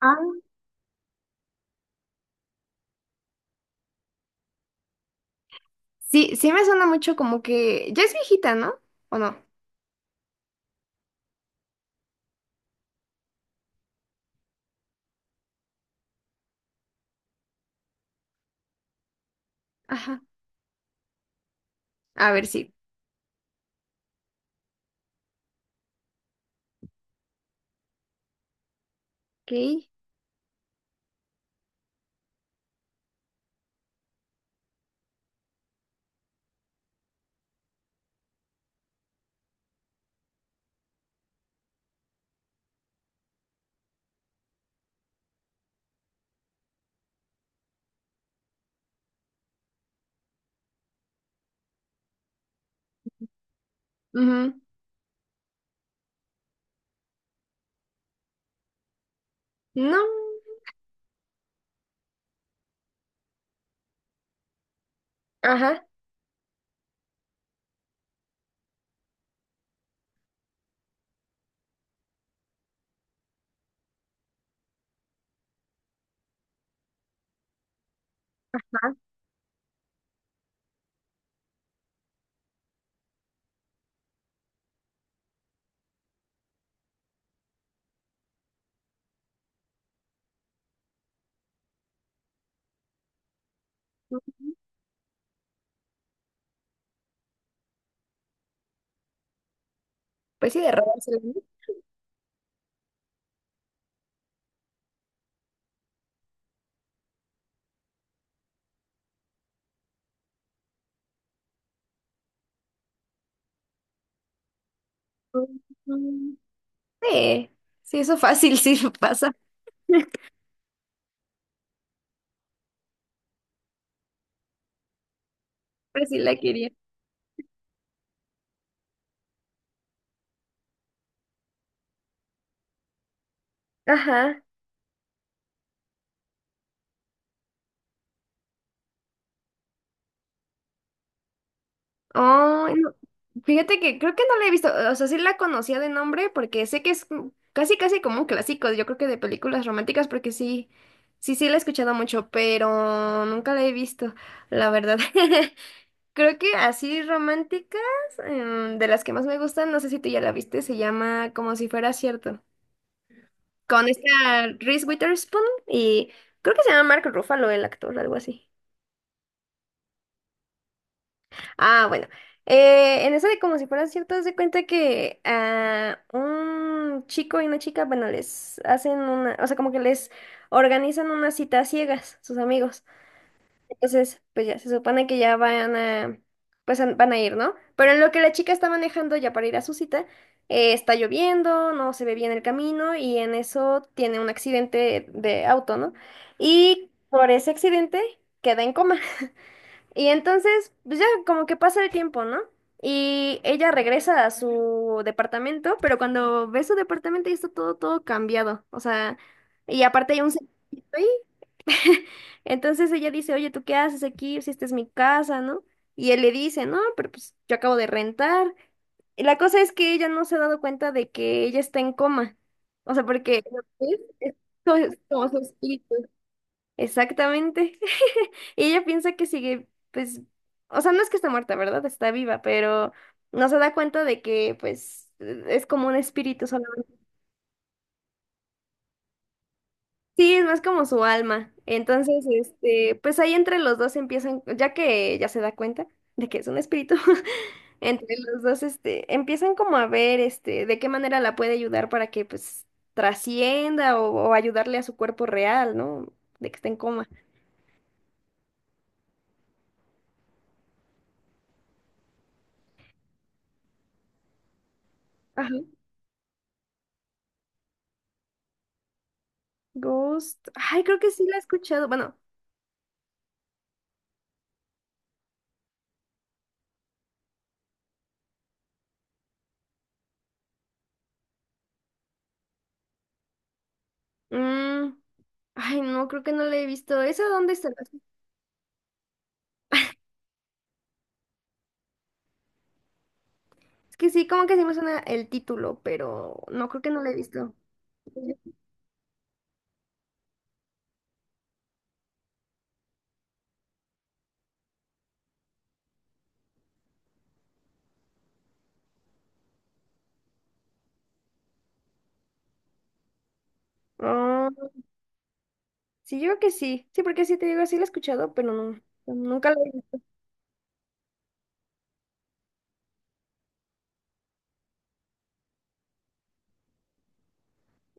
Ah, sí, sí me suena mucho como que ya es viejita, ¿no? ¿O no? Ajá. A ver, si. Sí. Ok. Ujú. No. Ajá. Ajá. Pues sí, de robársela, ¿no? Ujú. Sí. Sí, eso fácil, sí pasa. Fácil la quería. Ajá. Oh, no. Fíjate que creo que no la he visto. O sea, sí la conocía de nombre porque sé que es como- casi, casi como un clásico, yo creo que de películas románticas, porque sí, sí, sí la he escuchado mucho, pero nunca la he visto, la verdad. Creo que así románticas, de las que más me gustan, no sé si tú ya la viste, se llama Como si fuera cierto, con esta Reese Witherspoon y creo que se llama Mark Ruffalo el actor, algo así. Ah, bueno, en esa de Como si fuera cierto, haz de cuenta que un chico y una chica, bueno, les hacen una, o sea, como que les organizan una cita a ciegas, sus amigos. Entonces, pues ya, se supone que ya van a, pues van a ir, ¿no? Pero en lo que la chica está manejando ya para ir a su cita, está lloviendo, no se ve bien el camino y en eso tiene un accidente de auto, ¿no? Y por ese accidente queda en coma. Y entonces, pues ya como que pasa el tiempo, ¿no? Y ella regresa a su departamento, pero cuando ve su departamento ya está todo cambiado. O sea, y aparte hay un cementerio ahí. Entonces ella dice, oye, ¿tú qué haces aquí? Si esta es mi casa, ¿no? Y él le dice, no, pero pues yo acabo de rentar. Y la cosa es que ella no se ha dado cuenta de que ella está en coma. O sea, porque lo que es como su espíritu. Exactamente. Y ella piensa que sigue, pues, o sea, no es que está muerta, ¿verdad? Está viva, pero no se da cuenta de que, pues, es como un espíritu. Sí, es más como su alma. Entonces, pues ahí entre los dos empiezan, ya que ya se da cuenta de que es un espíritu, entre los dos, empiezan como a ver, de qué manera la puede ayudar para que, pues, trascienda o ayudarle a su cuerpo real, ¿no? De que esté en coma. Ajá. Ghost. Ay, creo que sí la he escuchado. Bueno, mm, ay, no, creo que no la he visto. ¿Esa dónde está? Es que sí, como que sí me suena el título, pero no creo que no la he visto. Ah, sí, yo creo que sí. Sí, porque sí te digo, sí lo he escuchado, pero no, nunca lo he...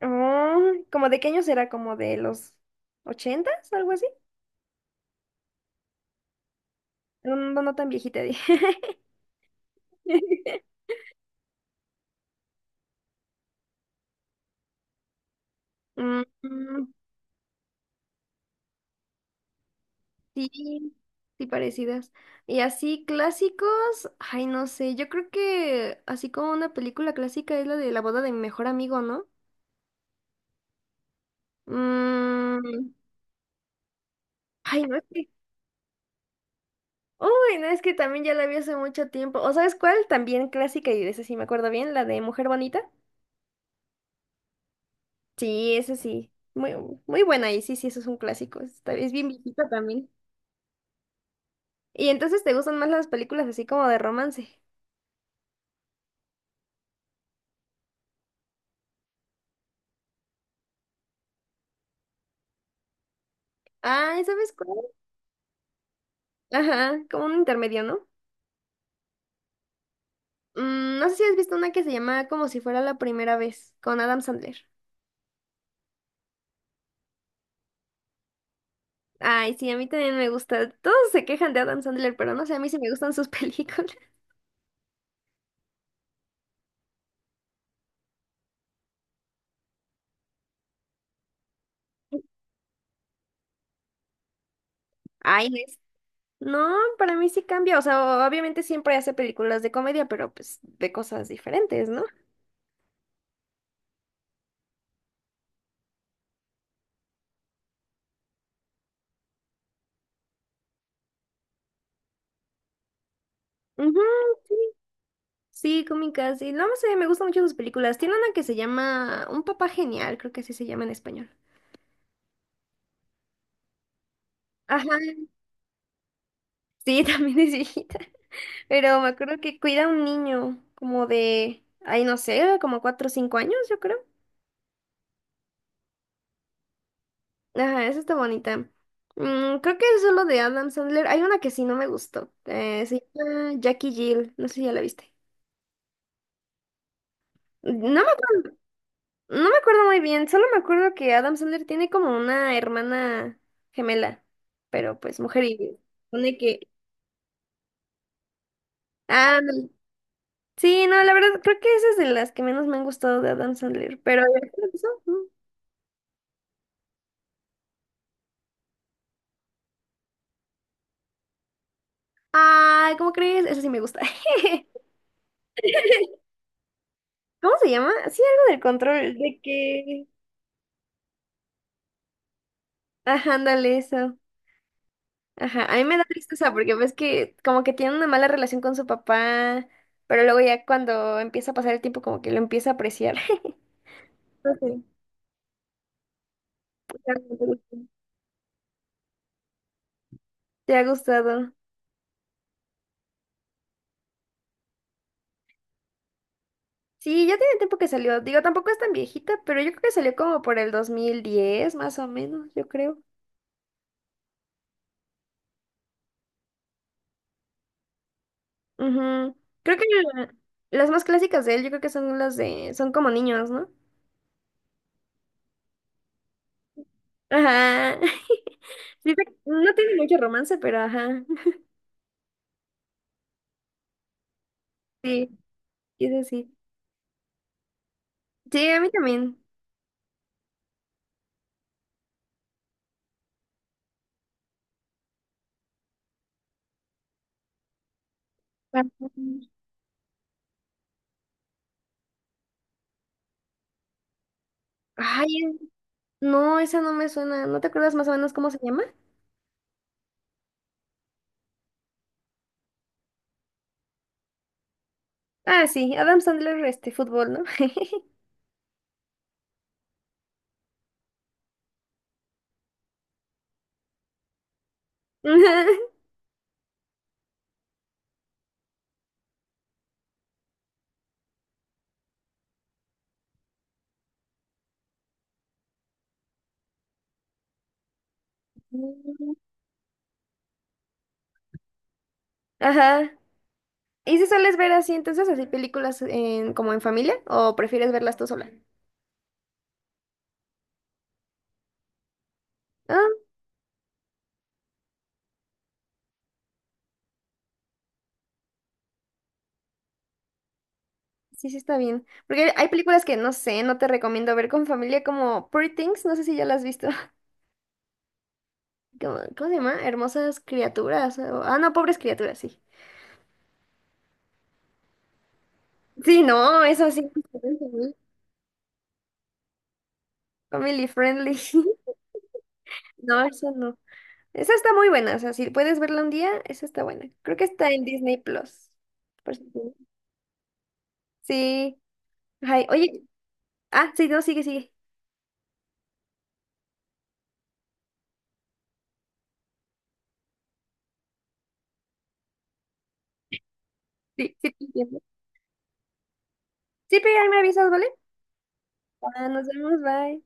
Ah, ¿como de qué año será? ¿Como de los ochentas? ¿Algo así? No, no, no tan viejita. Dije. Mm, mm, sí, sí, parecidas. Y así clásicos, ay, no sé, yo creo que así como una película clásica es la de la boda de mi mejor amigo, ¿no? Mm, ay, no es que, uy, no es que también ya la vi hace mucho tiempo. ¿O sabes cuál? También clásica y de esa sí me acuerdo bien, la de Mujer Bonita. Sí, eso sí. Muy, muy buena y sí, sí, eso es un clásico. Está, es bien viejita también. Y entonces te gustan más las películas así como de romance. Ah, ¿sabes cuál? Ajá, como un intermedio, ¿no? Mm, no sé si has visto una que se llama Como si fuera la primera vez, con Adam Sandler. Ay, sí, a mí también me gusta. Todos se quejan de Adam Sandler, pero no sé, a mí sí me gustan sus películas. Ay, no es. No, para mí sí cambia. O sea, obviamente siempre hace películas de comedia, pero pues de cosas diferentes, ¿no? Ujú. Sí, cómicas. Y no sé, me gustan mucho sus películas. Tiene una que se llama Un papá genial, creo que así se llama en español. Ajá, sí, también es viejita. Pero me acuerdo que cuida a un niño como de, ay, no sé, como 4 o 5 años, yo creo. Ajá, esa está bonita. Mm, creo que es solo de Adam Sandler. Hay una que sí no me gustó. Se llama Jackie Jill. No sé si ya la viste. No me, acu- no me acuerdo muy bien. Solo me acuerdo que Adam Sandler tiene como una hermana gemela. Pero pues mujer y... Supone que Ah, no. Sí, no, la verdad, creo que esa es de las que menos me han gustado de Adam Sandler, pero... Ah, ¿cómo crees? Esa sí me gusta. ¿Cómo se llama? Sí, algo del control, de que... Ajá, ándale, eso. Ajá, a mí me da tristeza porque ves que como que tiene una mala relación con su papá, pero luego ya cuando empieza a pasar el tiempo como que lo empieza a apreciar. No sé, ¿te ha gustado? Sí, ya tiene tiempo que salió. Digo, tampoco es tan viejita, pero yo creo que salió como por el 2010, más o menos, yo creo. Ujú. Creo que las más clásicas de él, yo creo que son las de, son como niños, ¿no? Ajá. Sí, no tiene mucho romance, pero ajá. Sí, es así. Sí, sí, a mí también. Ajá. Ay, no, esa no me suena. ¿No te acuerdas más o menos cómo se llama? Ah, sí, Adam Sandler, fútbol, ¿no? Ajá. Mm. Ajá. ¿Y si sueles ver así entonces, así películas en, como en familia o prefieres verlas tú sola? Ah. Sí, sí está bien. Porque hay películas que no sé, no te recomiendo ver con familia como Pretty Things, no sé si ya las has visto. ¿Cómo, cómo se llama? Hermosas criaturas. O- ah, no, pobres criaturas, sí. Sí, no, eso sí. Family friendly. No, eso no. Esa está muy buena, o sea, si puedes verla un día, esa está buena. Creo que está en Disney Plus. Por si- sí. Ay, oye, ah, sí, no, sigue, sigue. Sí, sí, te entiendo. Sí, pero ahí me avisas, ¿vale? Ah, nos vemos, bye.